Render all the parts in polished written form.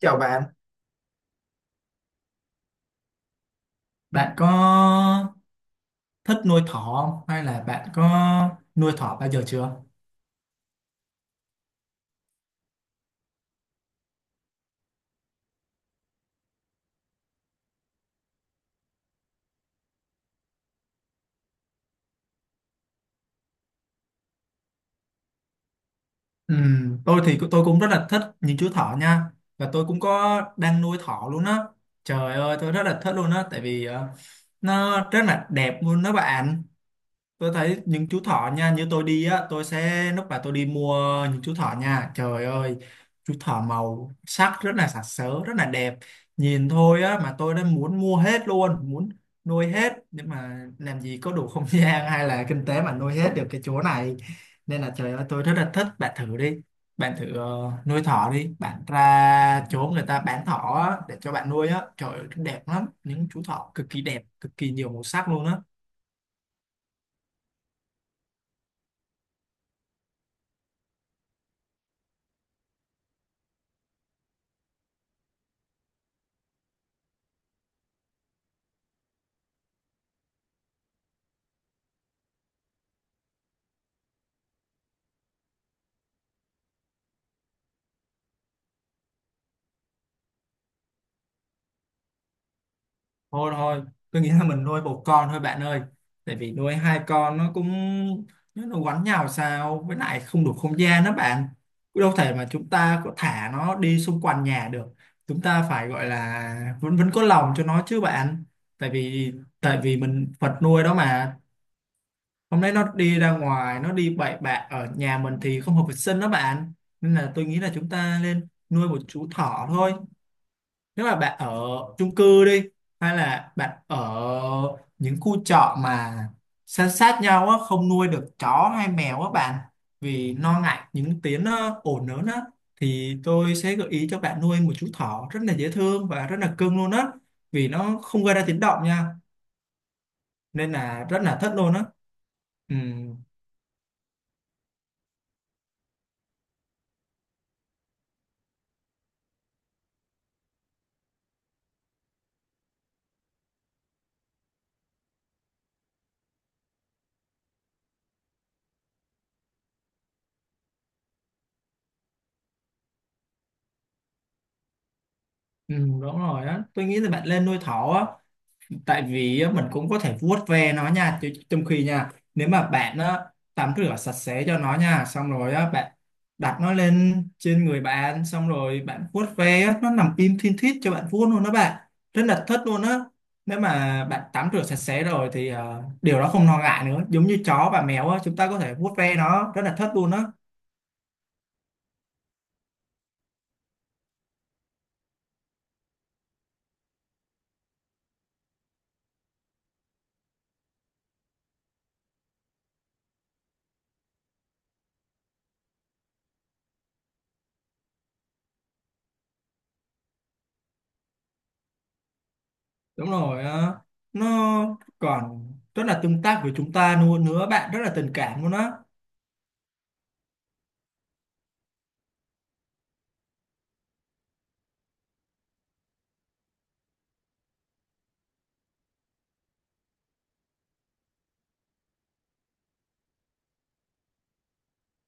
Chào bạn. Bạn có thích nuôi thỏ không? Hay là bạn có nuôi thỏ bao giờ chưa? Ừ, tôi thì tôi cũng rất là thích những chú thỏ nha. Và tôi cũng có đang nuôi thỏ luôn á. Trời ơi, tôi rất là thích luôn á. Tại vì nó rất là đẹp luôn đó bạn. Tôi thấy những chú thỏ nha, như tôi đi á, tôi sẽ lúc mà tôi đi mua những chú thỏ nha, trời ơi, chú thỏ màu sắc rất là sặc sỡ, rất là đẹp. Nhìn thôi á mà tôi đã muốn mua hết luôn, muốn nuôi hết, nhưng mà làm gì có đủ không gian hay là kinh tế mà nuôi hết được cái chỗ này. Nên là trời ơi, tôi rất là thích. Bạn thử đi, bạn thử nuôi thỏ đi bạn, ra chỗ người ta bán thỏ á, để cho bạn nuôi á. Trời ơi, đẹp lắm, những chú thỏ cực kỳ đẹp, cực kỳ nhiều màu sắc luôn á. Thôi thôi, tôi nghĩ là mình nuôi một con thôi bạn ơi, tại vì nuôi hai con nó cũng nó quánh nhau sao, với lại không đủ không gian đó bạn. Cũng đâu thể mà chúng ta có thả nó đi xung quanh nhà được, chúng ta phải gọi là vẫn vẫn có lòng cho nó chứ bạn. Tại vì tại vì mình vật nuôi đó mà, hôm nay nó đi ra ngoài, nó đi bậy bạ ở nhà mình thì không hợp vệ sinh đó bạn. Nên là tôi nghĩ là chúng ta nên nuôi một chú thỏ thôi. Nếu mà bạn ở chung cư đi, hay là bạn ở những khu trọ mà san sát nhau á, không nuôi được chó hay mèo á bạn, vì lo ngại những tiếng ồn lớn á, thì tôi sẽ gợi ý cho bạn nuôi một chú thỏ rất là dễ thương và rất là cưng luôn á, vì nó không gây ra tiếng động nha, nên là rất là thất luôn á. Ừ, ừ, đúng rồi á, tôi nghĩ là bạn lên nuôi thỏ á. Tại vì á, mình cũng có thể vuốt ve nó nha trong khi nha, nếu mà bạn á, tắm rửa sạch sẽ cho nó nha, xong rồi á, bạn đặt nó lên trên người bạn, xong rồi bạn vuốt ve á, nó nằm im thin thít cho bạn vuốt luôn đó bạn, rất là thích luôn á. Nếu mà bạn tắm rửa sạch sẽ rồi thì điều đó không lo ngại nữa, giống như chó và mèo á, chúng ta có thể vuốt ve nó, rất là thích luôn á. Đúng rồi, nó còn rất là tương tác với chúng ta luôn nữa bạn, rất là tình cảm luôn á.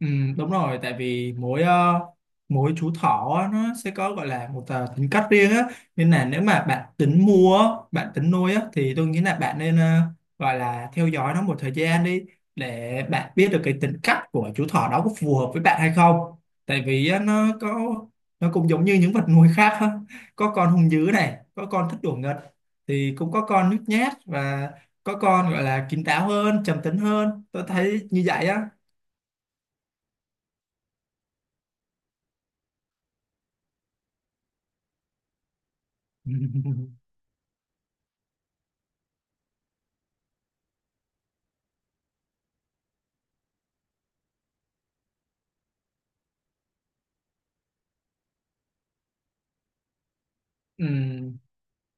Ừ, đúng rồi, tại vì mỗi mỗi chú thỏ á, nó sẽ có gọi là một tính cách riêng á. Nên là nếu mà bạn tính mua á, bạn tính nuôi á, thì tôi nghĩ là bạn nên gọi là theo dõi nó một thời gian đi, để bạn biết được cái tính cách của chú thỏ đó có phù hợp với bạn hay không. Tại vì á, nó cũng giống như những vật nuôi khác á. Có con hung dữ này, có con thích đùa nghịch, thì cũng có con nhút nhát, và có con gọi là kín đáo hơn, trầm tính hơn, tôi thấy như vậy á. Ừ,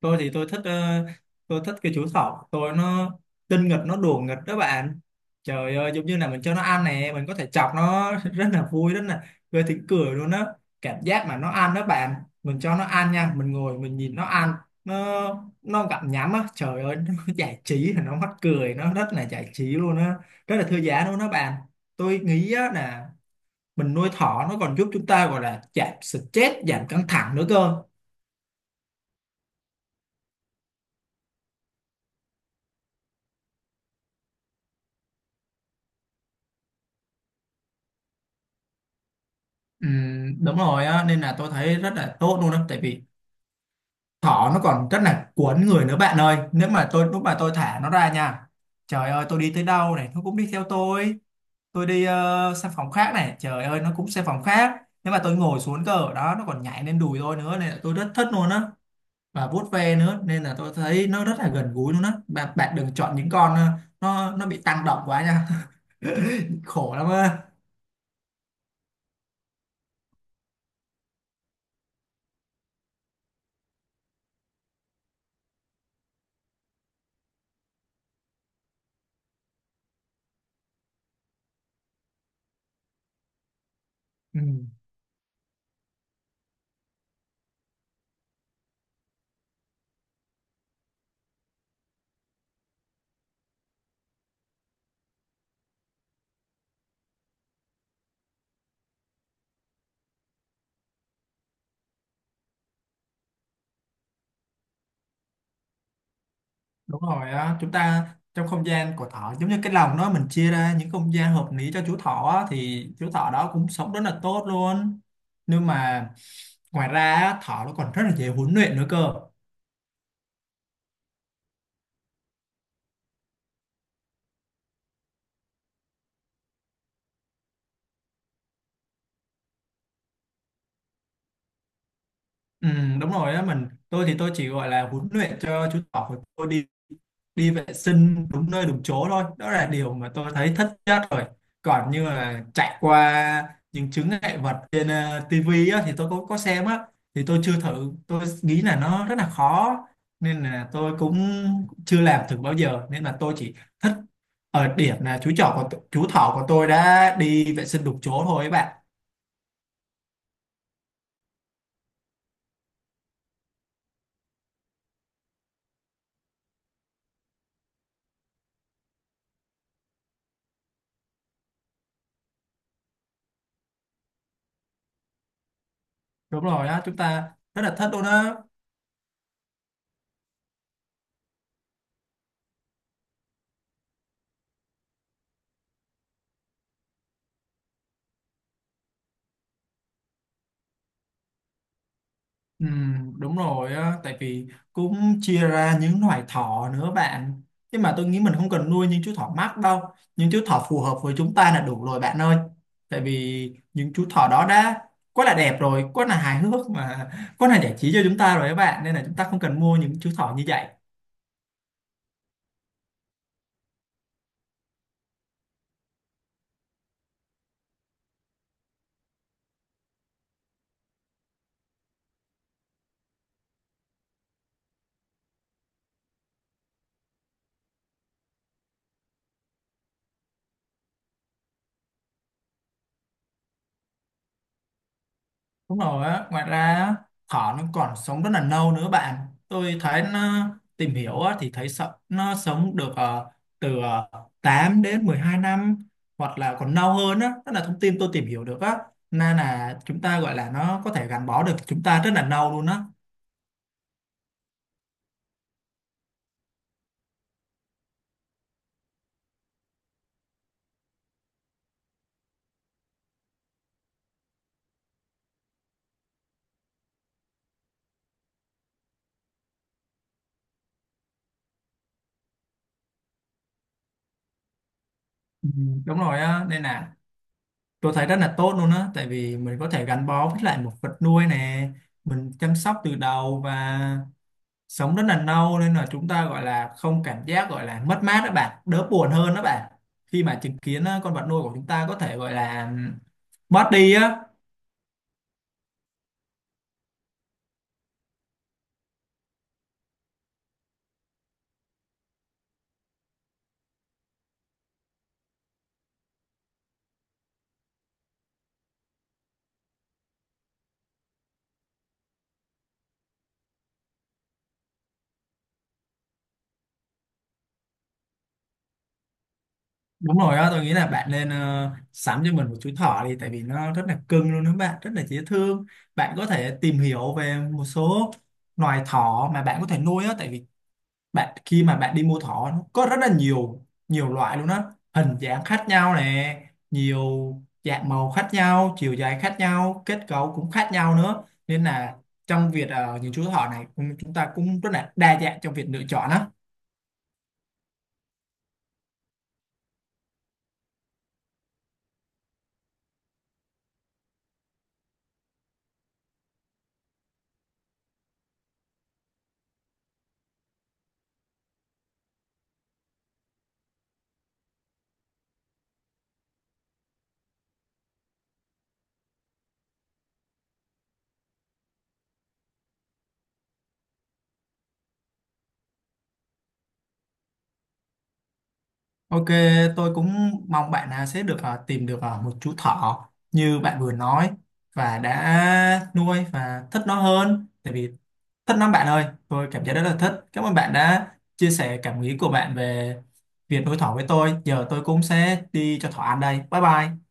tôi thì tôi thích tôi thích cái chú thỏ tôi, nó tinh nghịch, nó đùa nghịch đó bạn. Trời ơi, giống như là mình cho nó ăn nè, mình có thể chọc nó rất là vui, rất là gây tiếng cười luôn đó. Cảm giác mà nó ăn đó bạn, mình cho nó ăn nha, mình ngồi mình nhìn nó ăn, nó nó gặm nhắm á, trời ơi nó giải trí, nó mắc cười, nó rất là giải trí luôn á, rất là thư giãn luôn đó bạn. Tôi nghĩ á là mình nuôi thỏ nó còn giúp chúng ta gọi là giảm stress, giảm căng thẳng nữa cơ. Ừ, đúng rồi á, nên là tôi thấy rất là tốt luôn đó, tại vì thỏ nó còn rất là cuốn người nữa bạn ơi. Nếu mà tôi lúc mà tôi thả nó ra nha, trời ơi, tôi đi tới đâu này nó cũng đi theo tôi. Tôi đi sang phòng khác này, trời ơi, nó cũng sang phòng khác. Nếu mà tôi ngồi xuống cơ ở đó, nó còn nhảy lên đùi tôi nữa, nên là tôi rất thích luôn á, và vuốt ve nữa, nên là tôi thấy nó rất là gần gũi luôn á bạn. Bạn đừng chọn những con nó bị tăng động quá nha. Khổ lắm á. Ừ. Đúng rồi á, chúng ta trong không gian của thỏ giống như cái lồng đó, mình chia ra những không gian hợp lý cho chú thỏ á, thì chú thỏ đó cũng sống rất là tốt luôn. Nhưng mà ngoài ra á, thỏ nó còn rất là dễ huấn luyện nữa cơ. Ừ, đúng rồi á, tôi thì tôi chỉ gọi là huấn luyện cho chú thỏ của tôi đi đi vệ sinh đúng nơi đúng chỗ thôi, đó là điều mà tôi thấy thất nhất rồi. Còn như là chạy qua những chướng ngại vật trên tivi á, thì tôi có xem á, thì tôi chưa thử, tôi nghĩ là nó rất là khó, nên là tôi cũng chưa làm thử bao giờ, nên là tôi chỉ thích ở điểm là chú thỏ của tôi đã đi vệ sinh đúng chỗ thôi ấy bạn. Đúng rồi á, chúng ta rất là thất luôn á. Ừ, đúng rồi á, tại vì cũng chia ra những loài thỏ nữa bạn. Nhưng mà tôi nghĩ mình không cần nuôi những chú thỏ mắc đâu. Những chú thỏ phù hợp với chúng ta là đủ rồi bạn ơi. Tại vì những chú thỏ đó đã quá là đẹp rồi, quá là hài hước, mà quá là giải trí cho chúng ta rồi các bạn. Nên là chúng ta không cần mua những chú thỏ như vậy. Đúng rồi á, ngoài ra á, thỏ nó còn sống rất là lâu nữa bạn. Tôi thấy nó tìm hiểu á, thì thấy sợ nó sống được từ 8 đến 12 năm, hoặc là còn lâu hơn á, đó là thông tin tôi tìm hiểu được á. Nên là chúng ta gọi là nó có thể gắn bó được chúng ta rất là lâu luôn á. Ừ, đúng rồi á, nên là tôi thấy rất là tốt luôn á, tại vì mình có thể gắn bó với lại một vật nuôi nè, mình chăm sóc từ đầu và sống rất là lâu, nên là chúng ta gọi là không cảm giác gọi là mất mát đó bạn, đỡ buồn hơn đó bạn khi mà chứng kiến con vật nuôi của chúng ta có thể gọi là mất đi á. Đúng rồi á, tôi nghĩ là bạn nên sắm cho mình một chú thỏ đi, tại vì nó rất là cưng luôn đó bạn, rất là dễ thương. Bạn có thể tìm hiểu về một số loài thỏ mà bạn có thể nuôi á, tại vì bạn khi mà bạn đi mua thỏ, nó có rất là nhiều nhiều loại luôn á, hình dáng khác nhau nè, nhiều dạng màu khác nhau, chiều dài khác nhau, kết cấu cũng khác nhau nữa. Nên là trong việc những chú thỏ này cũng- chúng ta cũng rất là đa dạng trong việc lựa chọn á. Ok, tôi cũng mong bạn à, sẽ được tìm được một chú thỏ như bạn vừa nói và đã nuôi và thích nó hơn. Tại vì thích lắm bạn ơi, tôi cảm thấy rất là thích. Cảm ơn bạn đã chia sẻ cảm nghĩ của bạn về việc đối thoại với tôi. Giờ tôi cũng sẽ đi cho thỏa ăn đây. Bye bye.